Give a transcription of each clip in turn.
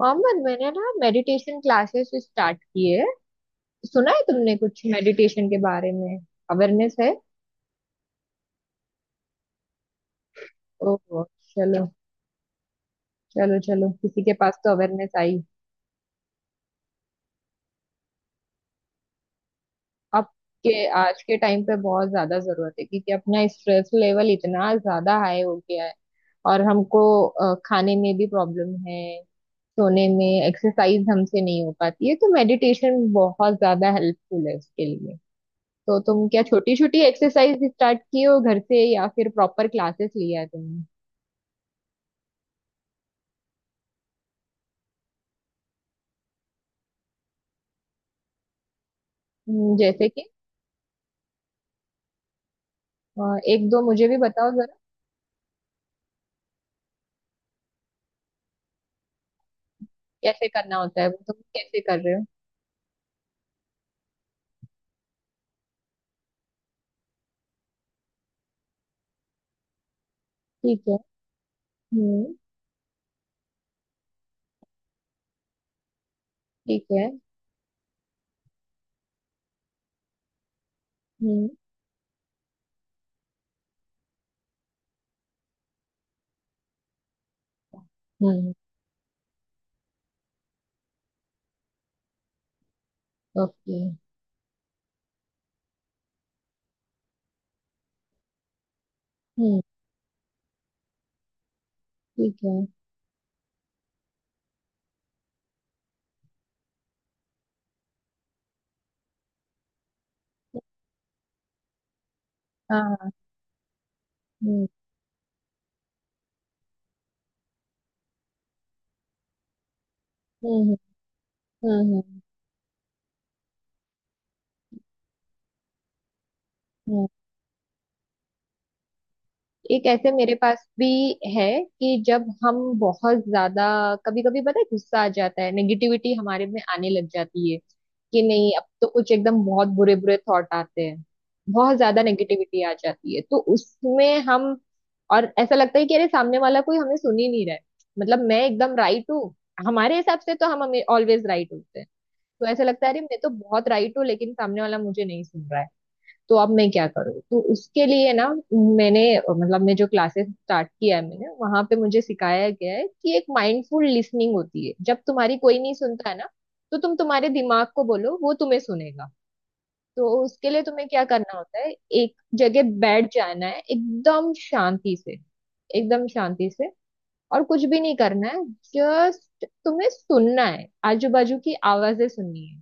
मोहम्मद, मैंने ना meditation classes start किए है। सुना है तुमने कुछ मेडिटेशन के बारे में? अवेयरनेस है। ओह। चलो। चलो चलो किसी के पास तो अवेयरनेस आई। अब के आज के टाइम पे बहुत ज्यादा जरूरत है क्योंकि अपना स्ट्रेस लेवल इतना ज्यादा हाई हो गया है और हमको खाने में भी प्रॉब्लम है। सोने में एक्सरसाइज हमसे नहीं हो पाती है तो मेडिटेशन बहुत ज्यादा हेल्पफुल है उसके लिए। तो तुम क्या छोटी छोटी एक्सरसाइज स्टार्ट किए हो घर से, या फिर प्रॉपर क्लासेस लिया है तुमने? हम्म। जैसे कि, अ, एक दो मुझे भी बताओ जरा। कैसे करना होता है? वो तुम कैसे कर रहे हो? ठीक है। हम्म। ठीक है। हम्म हम्म। ओके। हम्म। ठीक है। हाँ। हम्म हम्म। हम्म। हम्म। एक ऐसे मेरे पास भी है, कि जब हम बहुत ज्यादा, कभी कभी पता है गुस्सा आ जाता है, नेगेटिविटी हमारे में आने लग जाती है कि नहीं, अब तो कुछ एकदम बहुत बुरे बुरे थॉट आते हैं। बहुत ज्यादा नेगेटिविटी आ जाती है तो उसमें हम, और ऐसा लगता है कि अरे, सामने वाला कोई हमें सुन ही नहीं रहा है। मतलब मैं एकदम राइट हूँ, हमारे हिसाब से तो हम, हमें ऑलवेज राइट होते हैं। तो ऐसा लगता है अरे, मैं तो बहुत राइट हूँ लेकिन सामने वाला मुझे नहीं सुन रहा है। तो अब मैं क्या करूँ? तो उसके लिए ना, मैंने, मतलब मैं जो क्लासेस स्टार्ट किया है मैंने, वहां पे मुझे सिखाया गया है कि एक माइंडफुल लिसनिंग होती है। जब तुम्हारी कोई नहीं सुनता है ना, तो तुम तुम्हारे दिमाग को बोलो, वो तुम्हें सुनेगा। तो उसके लिए तुम्हें क्या करना होता है? एक जगह बैठ जाना है एकदम शांति से, एकदम शांति से। और कुछ भी नहीं करना है। जस्ट तुम्हें सुनना है, आजू बाजू की आवाजें सुननी है।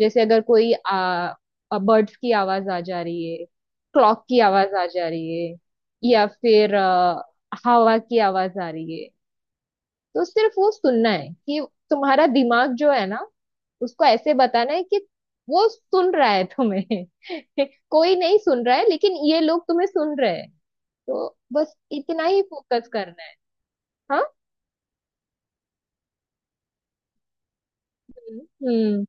जैसे अगर कोई बर्ड्स की आवाज आ जा रही है, क्लॉक की आवाज आ जा रही है, या फिर हवा की आवाज आ रही है, तो सिर्फ वो सुनना है। कि तुम्हारा दिमाग जो है ना, उसको ऐसे बताना है कि वो सुन रहा है तुम्हें। कोई नहीं सुन रहा है, लेकिन ये लोग तुम्हें सुन रहे हैं। तो बस इतना ही फोकस करना है। हाँ। हम्म।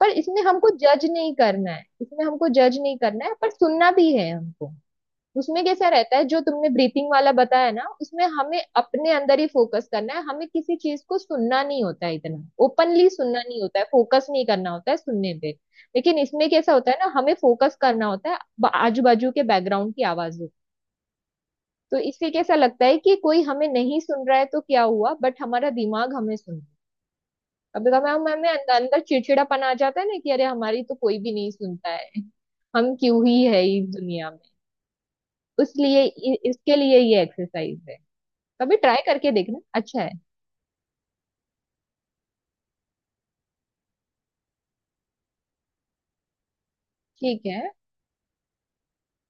पर इसमें हमको जज नहीं करना है, इसमें हमको जज नहीं करना है, पर सुनना भी है हमको। उसमें कैसा रहता है जो तुमने ब्रीथिंग वाला बताया ना, उसमें हमें अपने अंदर ही फोकस करना है, हमें किसी चीज को सुनना नहीं होता है, इतना ओपनली सुनना नहीं होता है, फोकस नहीं करना होता है सुनने पे। लेकिन इसमें कैसा होता है ना, हमें फोकस करना होता है आजू बाजू के बैकग्राउंड की आवाजों। तो इससे कैसा लगता है कि कोई हमें नहीं सुन रहा है तो क्या हुआ, बट हमारा दिमाग हमें सुन रहा है। कभी कभी हम, हमें अंदर अंदर चिड़चिड़ापन आ जाता है ना कि अरे, हमारी तो कोई भी नहीं सुनता है, हम क्यों ही है इस दुनिया में, इसलिए इसके लिए ये एक्सरसाइज है। कभी ट्राई करके देखना, अच्छा है। ठीक है।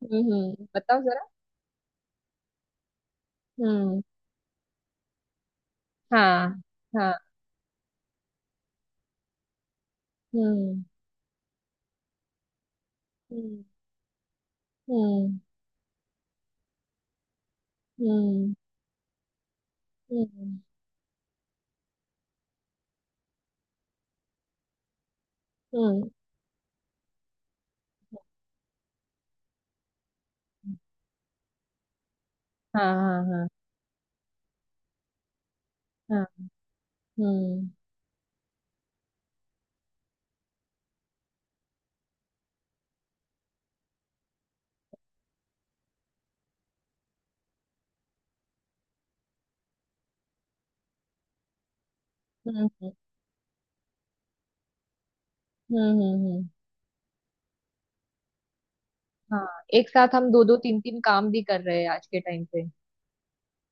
हम्म, बताओ जरा। हम्म। हाँ हाँ। हम्म हम्म। हम्म हम्म। हम्म हम्म, हाँ हाँ हाँ हाँ। हम्म हम्म। हम्म। हाँ, एक साथ हम दो दो तीन तीन काम भी कर रहे हैं आज के टाइम पे।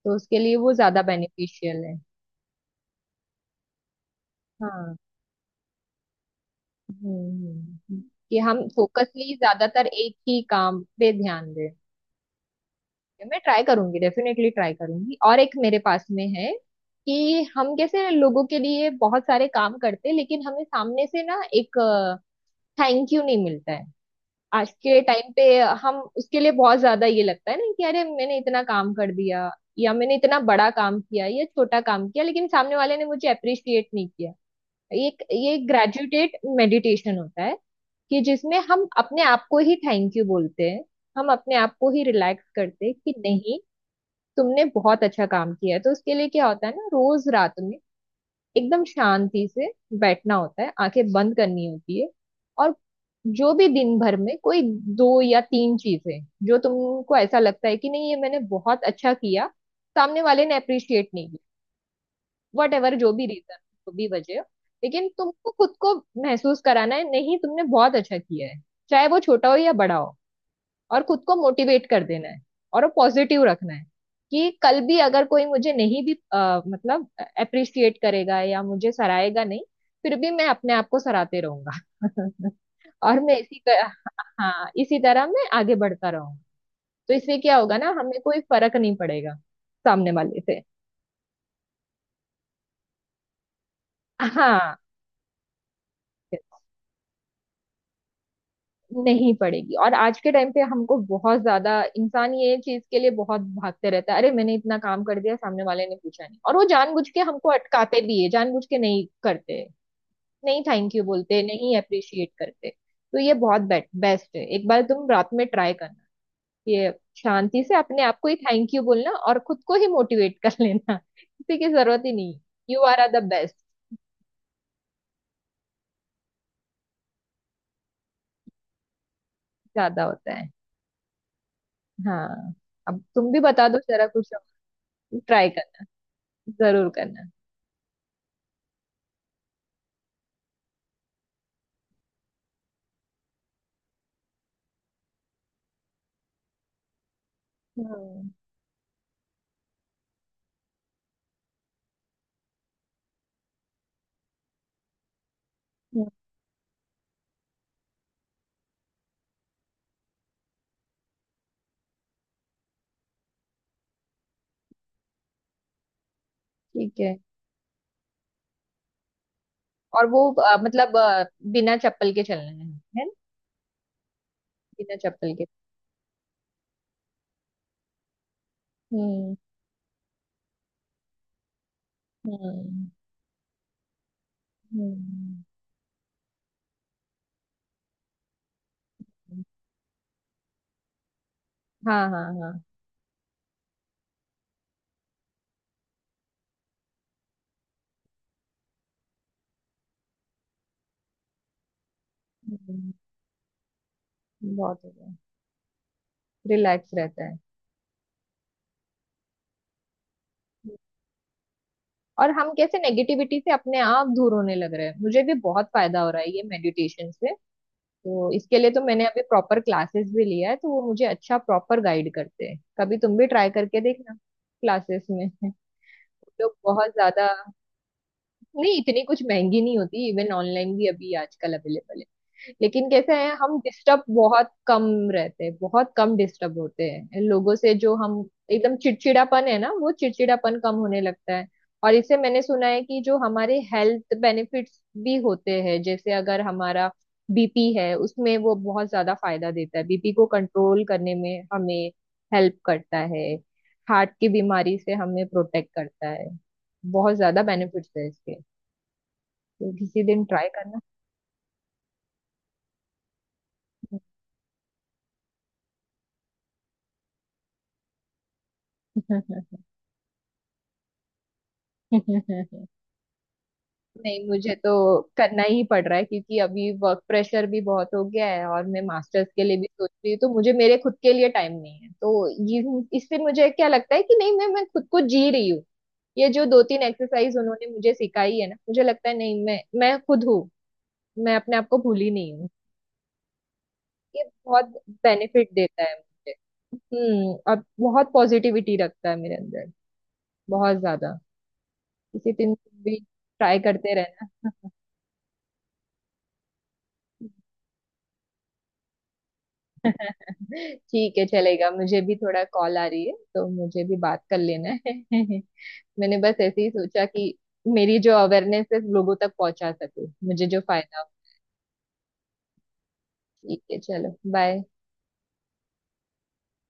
तो उसके लिए वो ज्यादा बेनिफिशियल है। हाँ। हम्म हम्म, हम्म। कि हम फोकसली ज्यादातर एक ही काम पे ध्यान दें। मैं ट्राई करूंगी, डेफिनेटली ट्राई करूंगी। और एक मेरे पास में है, कि हम कैसे लोगों के लिए बहुत सारे काम करते हैं लेकिन हमें सामने से ना एक थैंक यू नहीं मिलता है, आज के टाइम पे। हम उसके लिए बहुत ज्यादा ये लगता है ना कि अरे, मैंने इतना काम कर दिया, या मैंने इतना बड़ा काम किया या छोटा काम किया लेकिन सामने वाले ने मुझे अप्रिशिएट नहीं किया। ये ये ग्रेजुएटेड मेडिटेशन होता है, कि जिसमें हम अपने आप को ही थैंक यू बोलते हैं, हम अपने आप को ही रिलैक्स करते हैं कि नहीं, तुमने बहुत अच्छा काम किया है। तो उसके लिए क्या होता है ना, रोज रात में एकदम शांति से बैठना होता है, आंखें बंद करनी होती है, और जो भी दिन भर में कोई दो या तीन चीजें जो तुमको ऐसा लगता है कि नहीं, ये मैंने बहुत अच्छा किया, सामने वाले ने अप्रिशिएट नहीं किया, वट एवर जो भी रीजन, जो भी वजह हो, लेकिन तुमको खुद को महसूस कराना है, नहीं तुमने बहुत अच्छा किया है, चाहे वो छोटा हो या बड़ा हो, और खुद को मोटिवेट कर देना है, और वो पॉजिटिव रखना है। कि कल भी अगर कोई मुझे नहीं भी मतलब अप्रिशिएट करेगा, या मुझे सराहेगा नहीं, फिर भी मैं अपने आप को सराहते रहूंगा। और मैं इसी हाँ, इसी तरह मैं आगे बढ़ता रहूंगा। तो इससे क्या होगा ना, हमें कोई फर्क नहीं पड़ेगा सामने वाले से। हाँ। नहीं पड़ेगी, और आज के टाइम पे हमको बहुत ज्यादा, इंसान ये चीज के लिए बहुत भागते रहता है, अरे मैंने इतना काम कर दिया सामने वाले ने पूछा नहीं, और वो जानबूझ के हमको अटकाते भी है, जानबूझ के नहीं करते, नहीं थैंक यू बोलते, नहीं अप्रिशिएट करते। तो ये बहुत बेट बेस्ट है, एक बार तुम रात में ट्राई करना। ये, शांति से अपने आप को ही थैंक यू बोलना, और खुद को ही मोटिवेट कर लेना। किसी की जरूरत ही नहीं। You are are the best. ज्यादा होता है। हाँ, अब तुम भी बता दो जरा कुछ। ट्राई करना, जरूर करना। हम्म हम्म। ठीक है। और वो मतलब बिना चप्पल के चलना है ना? बिना चप्पल के। हम्म। हम्म। हम्म। हाँ हाँ हाँ। हम्म, बहुत हो गया। रिलैक्स रहता है। और हम कैसे नेगेटिविटी से अपने आप दूर होने लग रहे हैं, मुझे भी बहुत फायदा हो रहा है ये मेडिटेशन से। तो इसके लिए तो मैंने अभी प्रॉपर क्लासेस भी लिया है, तो वो मुझे अच्छा प्रॉपर गाइड करते हैं। कभी तुम भी ट्राई करके देखना क्लासेस में। लोग बहुत ज्यादा, नहीं, इतनी कुछ महंगी नहीं होती, इवन ऑनलाइन भी अभी आजकल अवेलेबल है। लेकिन कैसा है, हम डिस्टर्ब बहुत कम रहते हैं, बहुत कम डिस्टर्ब होते हैं लोगों से, जो हम एकदम चिड़चिड़ापन है ना, वो चिड़चिड़ापन कम होने लगता है। और इससे मैंने सुना है कि जो हमारे हेल्थ बेनिफिट्स भी होते हैं, जैसे अगर हमारा बीपी है, उसमें वो बहुत ज्यादा फायदा देता है, बीपी को कंट्रोल करने में हमें हेल्प करता है, हार्ट की बीमारी से हमें प्रोटेक्ट करता है। बहुत ज्यादा बेनिफिट्स है इसके, तो किसी दिन ट्राई करना। नहीं, मुझे तो करना ही पड़ रहा है क्योंकि अभी वर्क प्रेशर भी बहुत हो गया है और मैं मास्टर्स के लिए भी सोच रही हूँ, तो मुझे मेरे खुद के लिए टाइम नहीं है। तो ये, इससे मुझे क्या लगता है कि नहीं, मैं खुद को जी रही हूँ। ये जो दो तीन एक्सरसाइज उन्होंने मुझे सिखाई है ना, मुझे लगता है नहीं, मैं खुद हूँ, मैं अपने आप को भूली नहीं हूँ। ये बहुत बेनिफिट देता है मुझे। हम्म, और बहुत पॉजिटिविटी रखता है मेरे अंदर, बहुत ज्यादा। किसी दिन तुम भी ट्राई करते रहना। ठीक है चलेगा, मुझे भी थोड़ा कॉल आ रही है तो मुझे भी बात कर लेना है। मैंने बस ऐसे ही सोचा कि मेरी जो अवेयरनेस है लोगों तक पहुंचा सकूं, मुझे जो फायदा हो। ठीक है, चलो बाय।